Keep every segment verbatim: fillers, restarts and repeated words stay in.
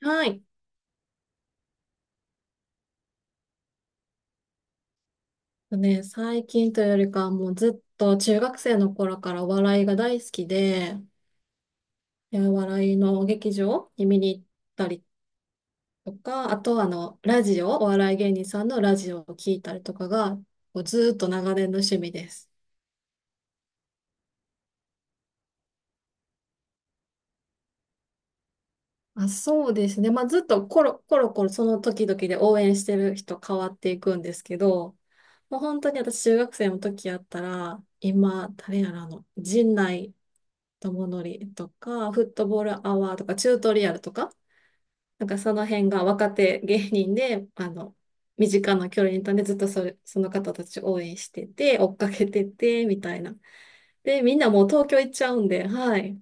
はい。ね、最近というよりかはもうずっと中学生の頃からお笑いが大好きで、でお笑いの劇場に見に行ったりとか、あとはあの、ラジオ、お笑い芸人さんのラジオを聞いたりとかが、こうずっと長年の趣味です。あ、そうですね。まあ、ずっとコロコロコロその時々で応援してる人変わっていくんですけど、もう本当に私中学生の時やったら、今、誰やらあの、陣内友乗りとか、フットボールアワーとか、チュートリアルとか、なんかその辺が若手芸人で、あの、身近な距離にいたんで、ずっとそれ、その方たち応援してて、追っかけてて、みたいな。で、みんなもう東京行っちゃうんで、はい。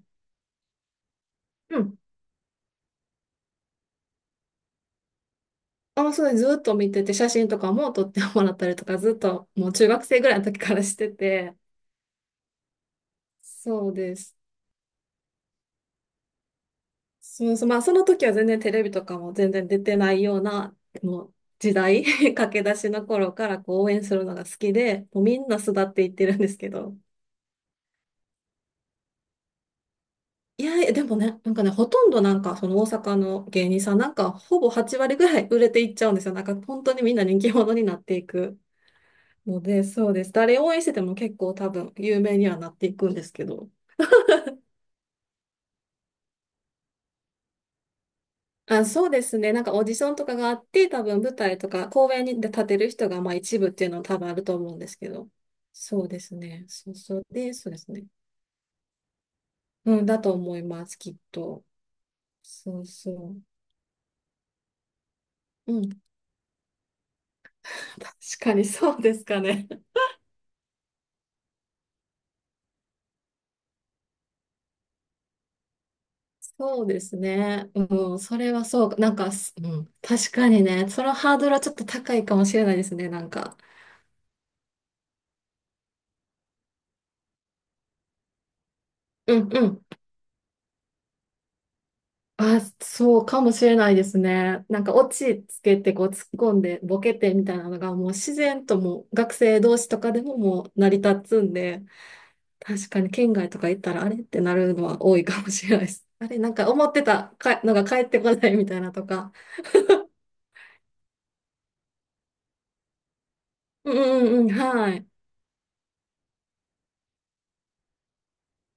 うん。あ、そうです。ずっと見てて、写真とかも撮ってもらったりとか、ずっともう中学生ぐらいの時からしてて、そうです。そうそう、まあその時は全然テレビとかも全然出てないような、もう時代、駆け出しの頃からこう応援するのが好きで、もうみんな巣立っていってるんですけど。いや、でもね、なんかね、ほとんどなんかその大阪の芸人さんなんかほぼはち割ぐらい売れていっちゃうんですよ。なんか本当にみんな人気者になっていくので、そうです。誰応援してても結構多分有名にはなっていくんですけど。あ、そうですね。なんかオーディションとかがあって、多分舞台とか公演にで立てる人がまあ一部っていうのも多分あると思うんですけど。そうですね。そうそう。で、そうですね。うん、だと思います、きっと。そうそう。うん、確かにそうですかね。そうですね。うん、それはそうか。なんか、すうん、確かにね、そのハードルはちょっと高いかもしれないですね、なんか。うんうん。あ、そうかもしれないですね。なんかオチつけてこう突っ込んでボケてみたいなのがもう自然ともう学生同士とかでももう成り立つんで、確かに県外とか行ったらあれってなるのは多いかもしれないです。あれなんか思ってたかのが返ってこないみたいなとか。うんうんうん、はい。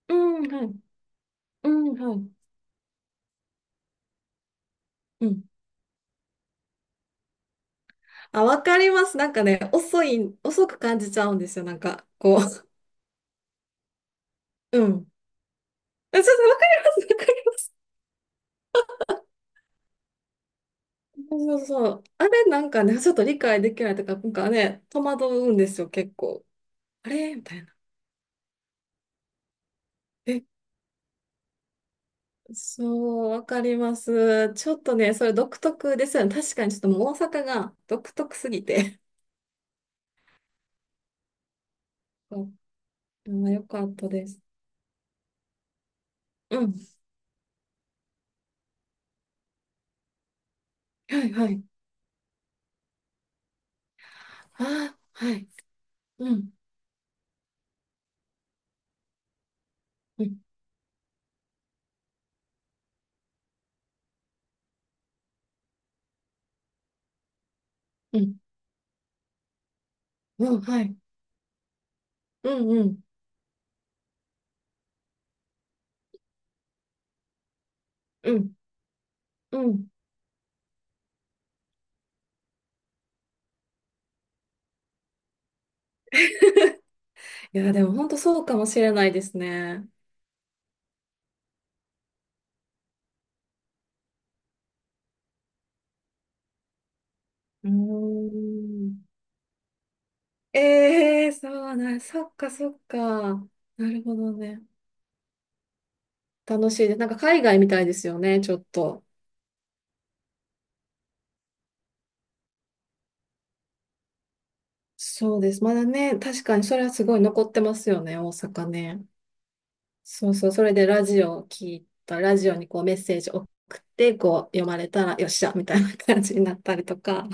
うんはい。うんはい。うん。あ、わかります。なんかね、遅い、遅く感じちゃうんですよ。なんか、こう。うん。あちょっとわかります。わかります。そうそうそう。あれなんかね、ちょっと理解できないとか、なんかね、戸惑うんですよ、結構。あれみたいな。え、そう、わかります。ちょっとね、それ独特ですよね。確かにちょっともう大阪が独特すぎて。そうあー、よかったです。うん。はいはい。ああ、はい。うん。うん。うん。うん。はい。うんうん。うん。うん。いや、でも本当そうかもしれないですね。うーん。ええそうなん、そっかそっか。なるほどね。楽しいです。なんか海外みたいですよね、ちょっと。そうです。まだね、確かにそれはすごい残ってますよね、大阪ね。そうそう、それでラジオを聞いた、ラジオにこうメッセージ送って、こう読まれたら、よっしゃ、みたいな感じになったりとか。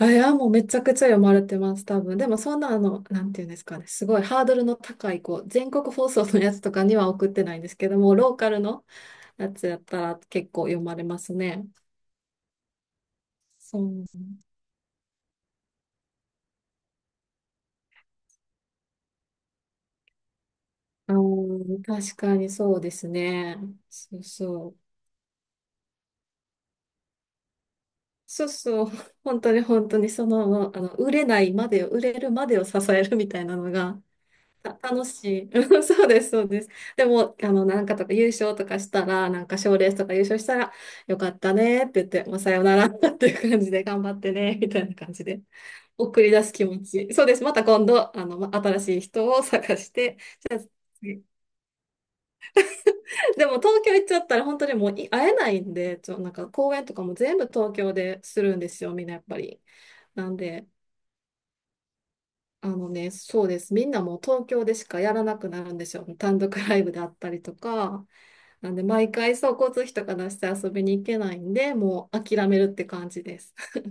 あ、いや、もうめちゃくちゃ読まれてます、多分。でもそんなあの、なんていうんですかね、すごいハードルの高い、こう、全国放送のやつとかには送ってないんですけども、ローカルの、やつやったら結構読まれますね。そう。あー、確かにそうですね。そうそう。そうそう。本当に本当にその、あの、売れないまでを、売れるまでを支えるみたいなのが、た楽しい。そうです、そうです。でも、あの、なんかとか優勝とかしたら、なんか賞レースとか優勝したら、よかったねって言って、もうさよならっていう感じで頑張ってね、みたいな感じで。送り出す気持ち。そうです。また今度、あの、ま新しい人を探して、じゃあ次でも東京行っちゃったら本当にもうい会えないんで、ちょ、なんか公演とかも全部東京でするんですよ、みんなやっぱり。なんで、あのね、そうです。みんなもう東京でしかやらなくなるんですよ。単独ライブであったりとか。なんで、毎回そう、交通費とか出して遊びに行けないんで、もう諦めるって感じです。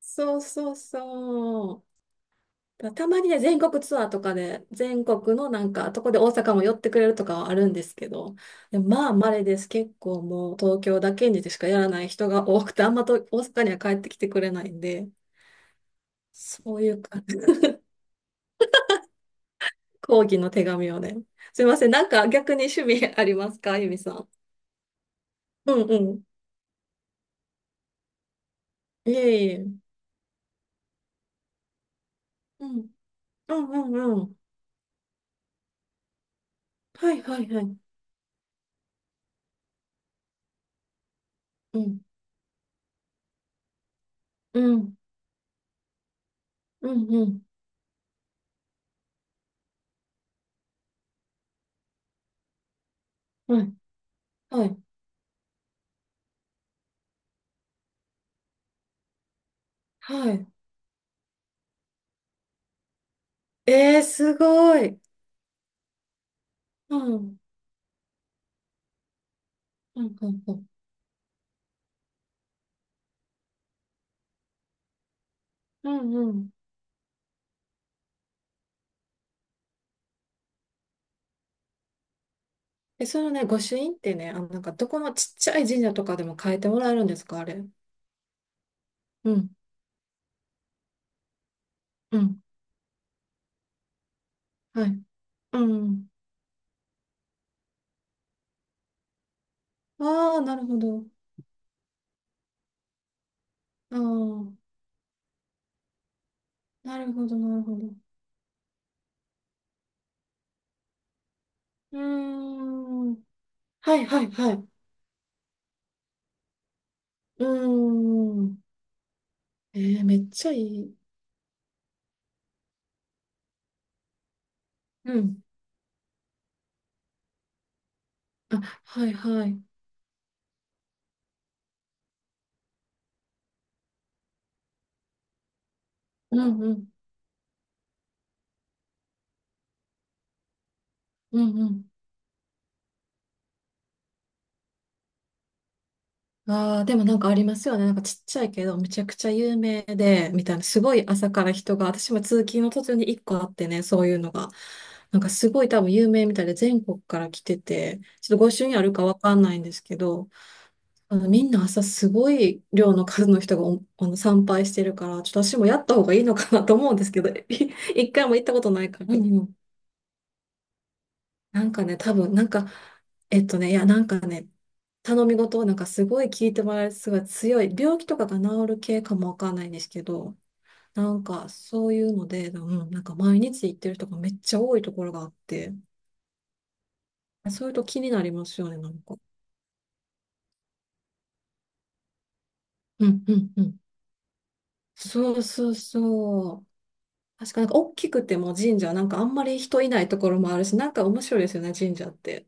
そうそうそう。たまにね、全国ツアーとかで、全国のなんか、とこで大阪も寄ってくれるとかはあるんですけど、でもまあ、稀です。結構もう東京だけにでしかやらない人が多くて、あんまと大阪には帰ってきてくれないんで、そういうか、抗議の手紙をね。すいません。なんか逆に趣味ありますかゆみさん？うんうん。いえいえ。うん。うんうんうん。はいはいはい。うん。うん。うんうん。はい。はい。はい。えー、すごい。うん。うんうんうんうんうん。え、そのね、御朱印ってね、あの、なんかどこのちっちゃい神社とかでも変えてもらえるんですか、あれ？うん、うん、はい。うん。ああ、なるほど。ああ、なるほど、なるほど。うーん。はい、はい、はい。うーん。えー、めっちゃいい。うん。あ、はい、はい。うん、うん、うん、うん。ああ、でもなんかありますよね。なんかちっちゃいけど、めちゃくちゃ有名で、みたいな、すごい朝から人が、私も通勤の途中に一個あってね、そういうのが。なんかすごい多分有名みたいで、全国から来てて、ちょっとご一緒にあるかわかんないんですけど、あのみんな朝すごい量の数の人がおあの参拝してるから、ちょっと私もやった方がいいのかなと思うんですけど、い 一回も行ったことないから。うんうん。なんかね、多分、なんか、えっとね、いや、なんかね、頼み事をなんかすごい聞いてもらえるすごい強い、病気とかが治る系かもわかんないんですけど、なんかそういうので、うん、なんか毎日行ってる人がめっちゃ多いところがあって、そういうと気になりますよね、なんか。うんうんうん。そうそうそう。確かなんか大きくても神社、なんかあんまり人いないところもあるし、なんか面白いですよね、神社って。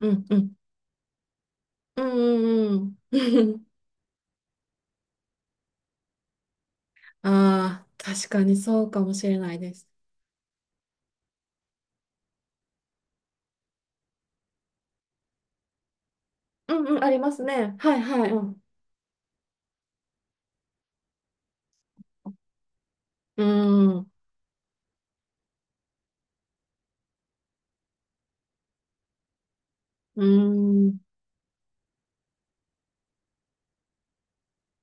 うんうん。うんうんうん。ああ、確かにそうかもしれないです。うんうん、ありますね。はいはい。うん。うん。うーん、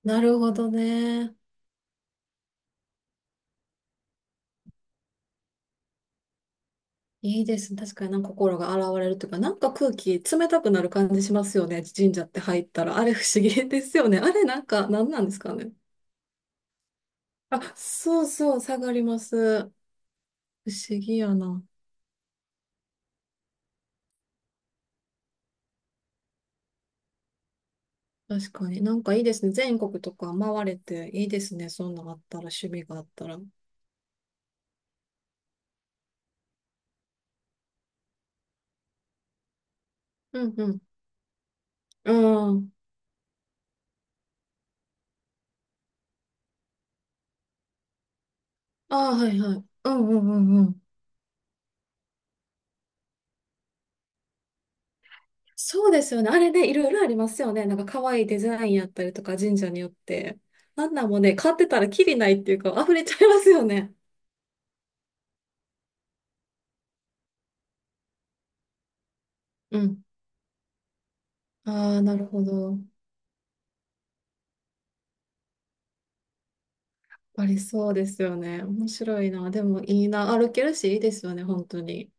なるほどね。いいですね。確かになんか心が洗われるというか、なんか空気冷たくなる感じしますよね。神社って入ったら。あれ不思議ですよね。あれなんか何なんですかね。あ、そうそう、下がります。不思議やな。確かに。なんかいいですね。全国とか回れていいですね。そんなんあったら、趣味があったら。うんうん。うん。ああ、はいはい。うんうんうん。そうですよね。あれね、いろいろありますよね。なんか可愛いデザインやったりとか、神社によって。あんなんもね、買ってたらキリないっていうか、溢れちゃいますよね。うん。ああ、なるほど。ありそうですよね。面白いな。でもいいな。歩けるし、いいですよね、本当に。